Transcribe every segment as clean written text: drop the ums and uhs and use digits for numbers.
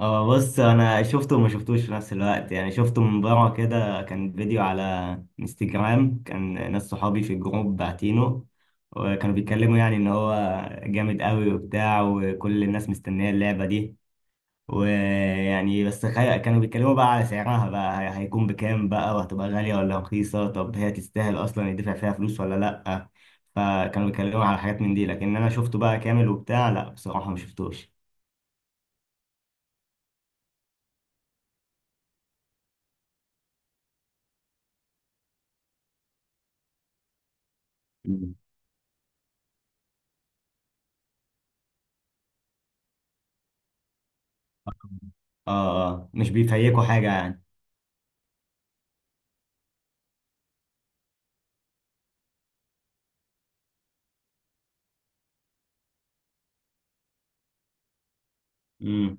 اه، بص انا شفته وما شفتوش في نفس الوقت. يعني شفته من بره كده، كان فيديو على انستجرام، كان ناس صحابي في الجروب باعتينه. وكانوا بيتكلموا يعني ان هو جامد قوي وبتاع، وكل الناس مستنية اللعبة دي. ويعني بس كانوا بيتكلموا بقى على سعرها بقى، هيكون بكام بقى، وهتبقى غالية ولا رخيصة، طب هي تستاهل اصلا يدفع فيها فلوس ولا لأ. فكانوا بيتكلموا على حاجات من دي، لكن انا شفته بقى كامل وبتاع. لا بصراحة ما شفتوش. اه، اه، مش بيفيكوا حاجة يعني. امم.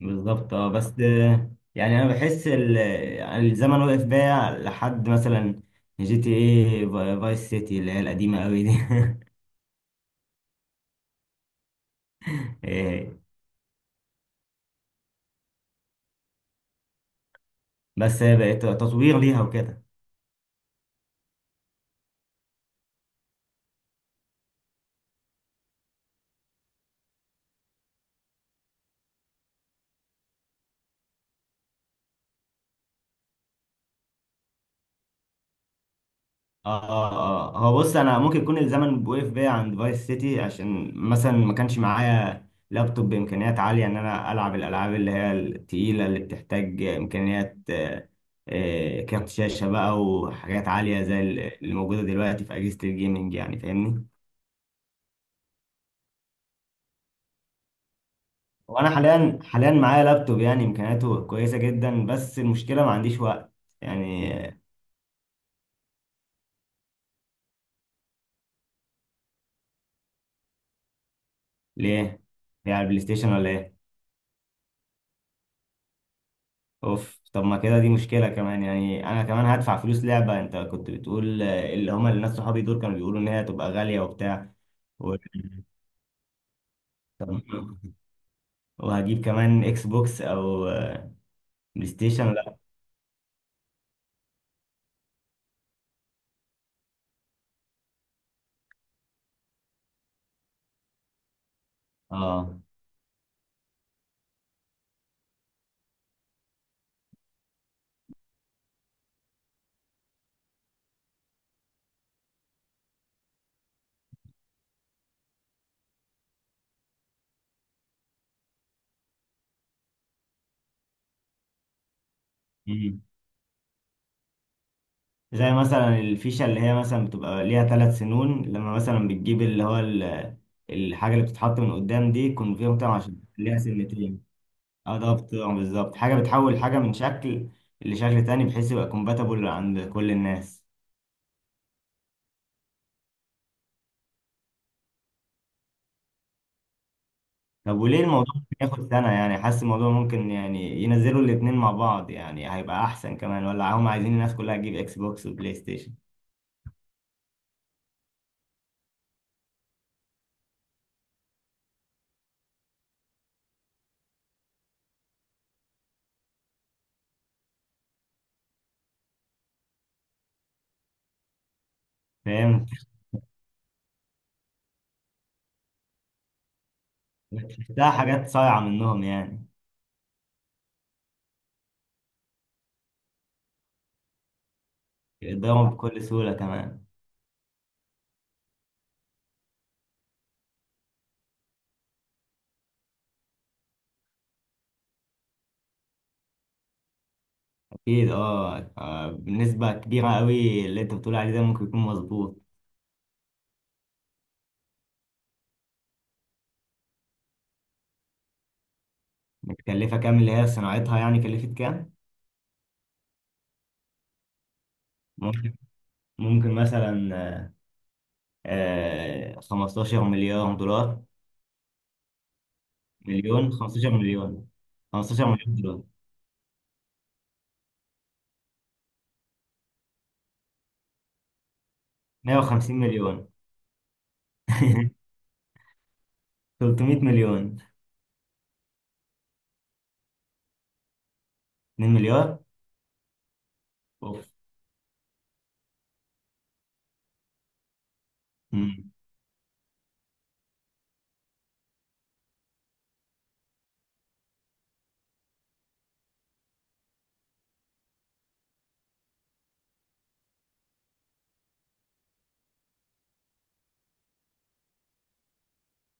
بالظبط. اه بس يعني انا بحس يعني الزمن وقف بيا لحد مثلا جي تي ايه فايس سيتي اللي هي القديمة قوي دي. إيه، بس بقت تطوير ليها وكده. اه، اه، آه. هو بص انا ممكن يكون الزمن وقف بيا عند فايس سيتي، عشان مثلا ما كانش معايا لابتوب بامكانيات عاليه ان انا العب الالعاب اللي هي التقيله اللي بتحتاج امكانيات. كارت شاشه بقى وحاجات عاليه زي اللي موجوده دلوقتي في اجهزه الجيمنج، يعني فاهمني. وانا حاليا معايا لابتوب يعني امكانياته كويسه جدا، بس المشكله ما عنديش وقت يعني. ليه؟ بيلعب بلاي ستيشن ولا ايه؟ اوف، طب ما كده دي مشكلة كمان. يعني انا كمان هدفع فلوس لعبة. انت كنت بتقول اللي هما الناس صحابي دول كانوا بيقولوا ان هي هتبقى غالية وبتاع و... طب وهجيب كمان اكس بوكس او بلاي ستيشن؟ لا. اه. مم. زي مثلا الفيشة اللي هي مثلا بتبقى ليها 3 سنون، لما مثلا بتجيب اللي هو الحاجة اللي بتتحط من قدام دي، يكون فيها مطعم عشان ليها سنتين. اه، ده بتبقى بالظبط حاجة بتحول حاجة من شكل لشكل تاني، بحيث يبقى كومباتبل عند كل الناس. طب وليه الموضوع ممكن ياخد سنة؟ يعني حاسس الموضوع ممكن يعني ينزلوا الاتنين مع بعض، يعني هيبقى أحسن كمان، ولا هم عايزين الناس كلها تجيب إكس بوكس وبلاي ستيشن؟ فاهم. ده حاجات صايعة منهم يعني. يقدروا بكل سهولة كمان. أكيد، أه. بنسبة كبيرة قوي اللي أنت بتقول عليه ده ممكن يكون مظبوط. متكلفة كام؟ اللي هي صناعتها يعني كلفت كام؟ ممكن ممكن مثلا 15 مليار دولار. مليون، 15 مليون. 15 مليون دولار. 150 مليون. 300 مليون. 2 مليار. اوف. مم.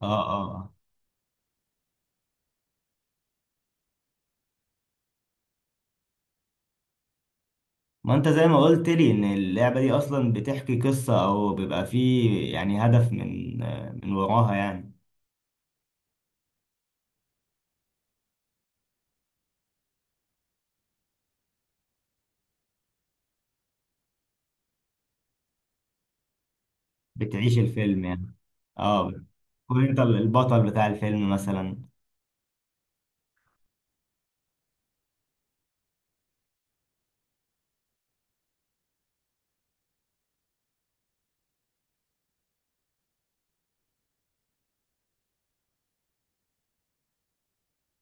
اه، اه، آه. ما انت زي ما قلت لي ان اللعبة دي اصلا بتحكي قصة، او بيبقى فيه يعني هدف من وراها يعني. بتعيش الفيلم يعني. اه. كون انت البطل بتاع الفيلم مثلا.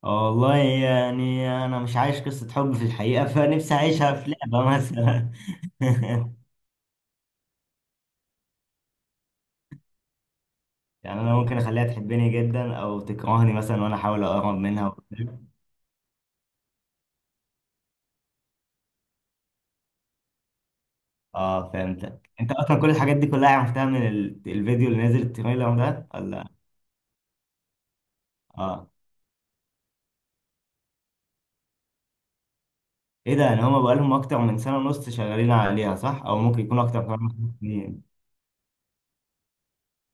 آه والله، يعني انا مش عايش قصة حب في الحقيقة، فنفسي اعيشها في لعبة مثلا. يعني انا ممكن اخليها تحبني جدا او تكرهني مثلا، وانا احاول اقرب منها. اه فهمتك. انت اصلا كل الحاجات دي كلها عرفتها من الفيديو اللي نزل التريلر ده ولا؟ اه، ايه ده؟ يعني هما بقالهم اكتر من سنة ونص شغالين عليها صح، او ممكن يكون اكتر كمان من 5 سنين.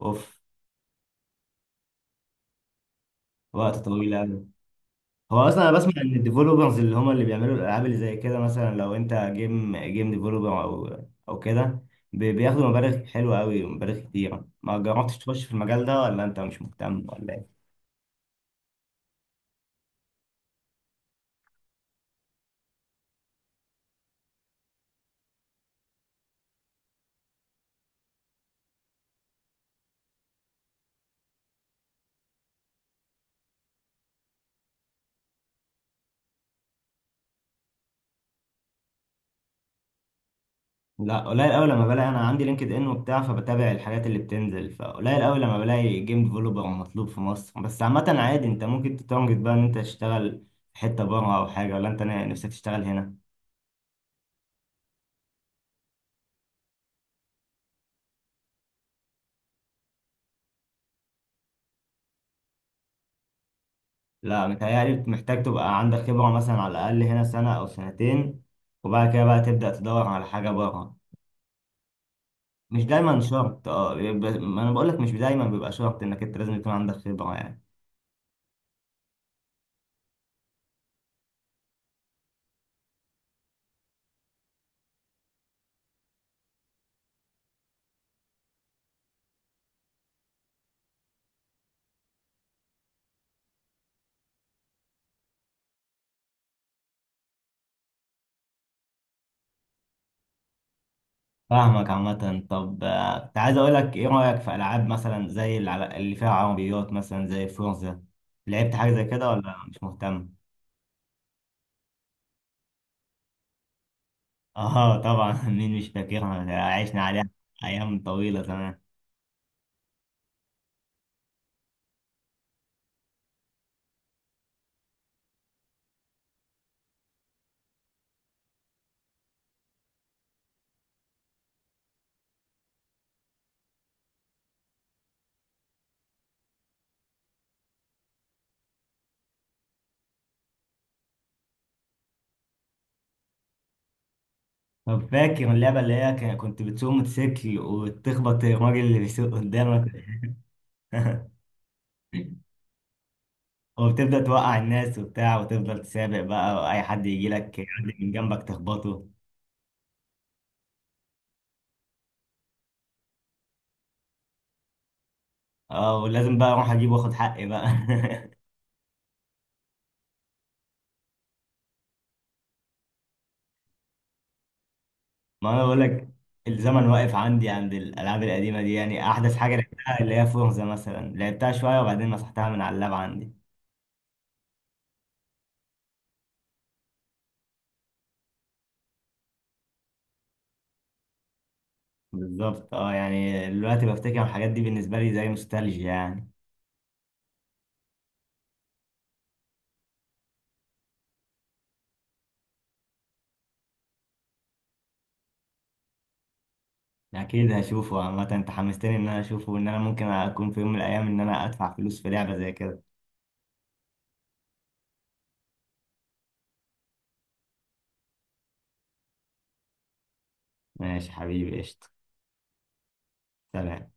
اوف، وقت طويل قوي. هو اصلا انا بسمع ان الديفلوبرز اللي هما اللي بيعملوا الالعاب اللي زي كده، مثلا لو انت جيم ديفلوبر او كده، بياخدوا مبالغ حلوة قوي، مبالغ كتيرة. ما جربتش تخش في المجال ده، ولا انت مش مهتم ولا؟ لا، قليل قوي لما بلاقي. انا عندي لينكد ان وبتاع، فبتابع الحاجات اللي بتنزل، فقليل قوي لما بلاقي جيم ديفلوبر مطلوب في مصر. بس عامة عادي، انت ممكن تتارجت بقى ان انت تشتغل في حتة بره او حاجة، ولا انت نفسك تشتغل هنا؟ لا، متهيألي محتاج تبقى عندك خبرة مثلا على الأقل هنا سنة أو سنتين، وبعد كده بقى تبدأ تدور على حاجة بره. مش دايما شرط. اه ما أنا بقولك مش دايما بيبقى شرط إنك أنت لازم يكون عندك خبرة يعني. فاهمك. عامة، طب كنت عايز اقول لك، ايه رأيك في العاب مثلا زي اللي فيها عربيات مثلا زي فرنسا؟ لعبت حاجة زي كده ولا مش مهتم؟ اه طبعا. مين مش فاكرها، عشنا عليها ايام طويلة زمان. طب فاكر اللعبة اللي هي كنت بتسوق موتوسيكل وتخبط الراجل اللي بيسوق قدامك؟ وبتبدأ توقع الناس وبتاع، وتفضل تسابق بقى، واي حد يجي لك يعدي من جنبك تخبطه. اه، ولازم بقى اروح اجيب واخد حقي بقى. ما انا بقول لك، الزمن واقف عندي عند الالعاب القديمه دي، يعني احدث حاجه لعبتها اللي هي فورزا مثلا، لعبتها شويه وبعدين مسحتها من على اللاب عندي. بالظبط اه، يعني دلوقتي بفتكر الحاجات دي بالنسبه لي زي نوستالجيا يعني. اكيد هشوفه، عامه انت حمستني ان انا اشوفه، وان انا ممكن اكون في يوم من الايام ان انا ادفع فلوس في لعبه زي كده. ماشي حبيبي، قشطه. سلام.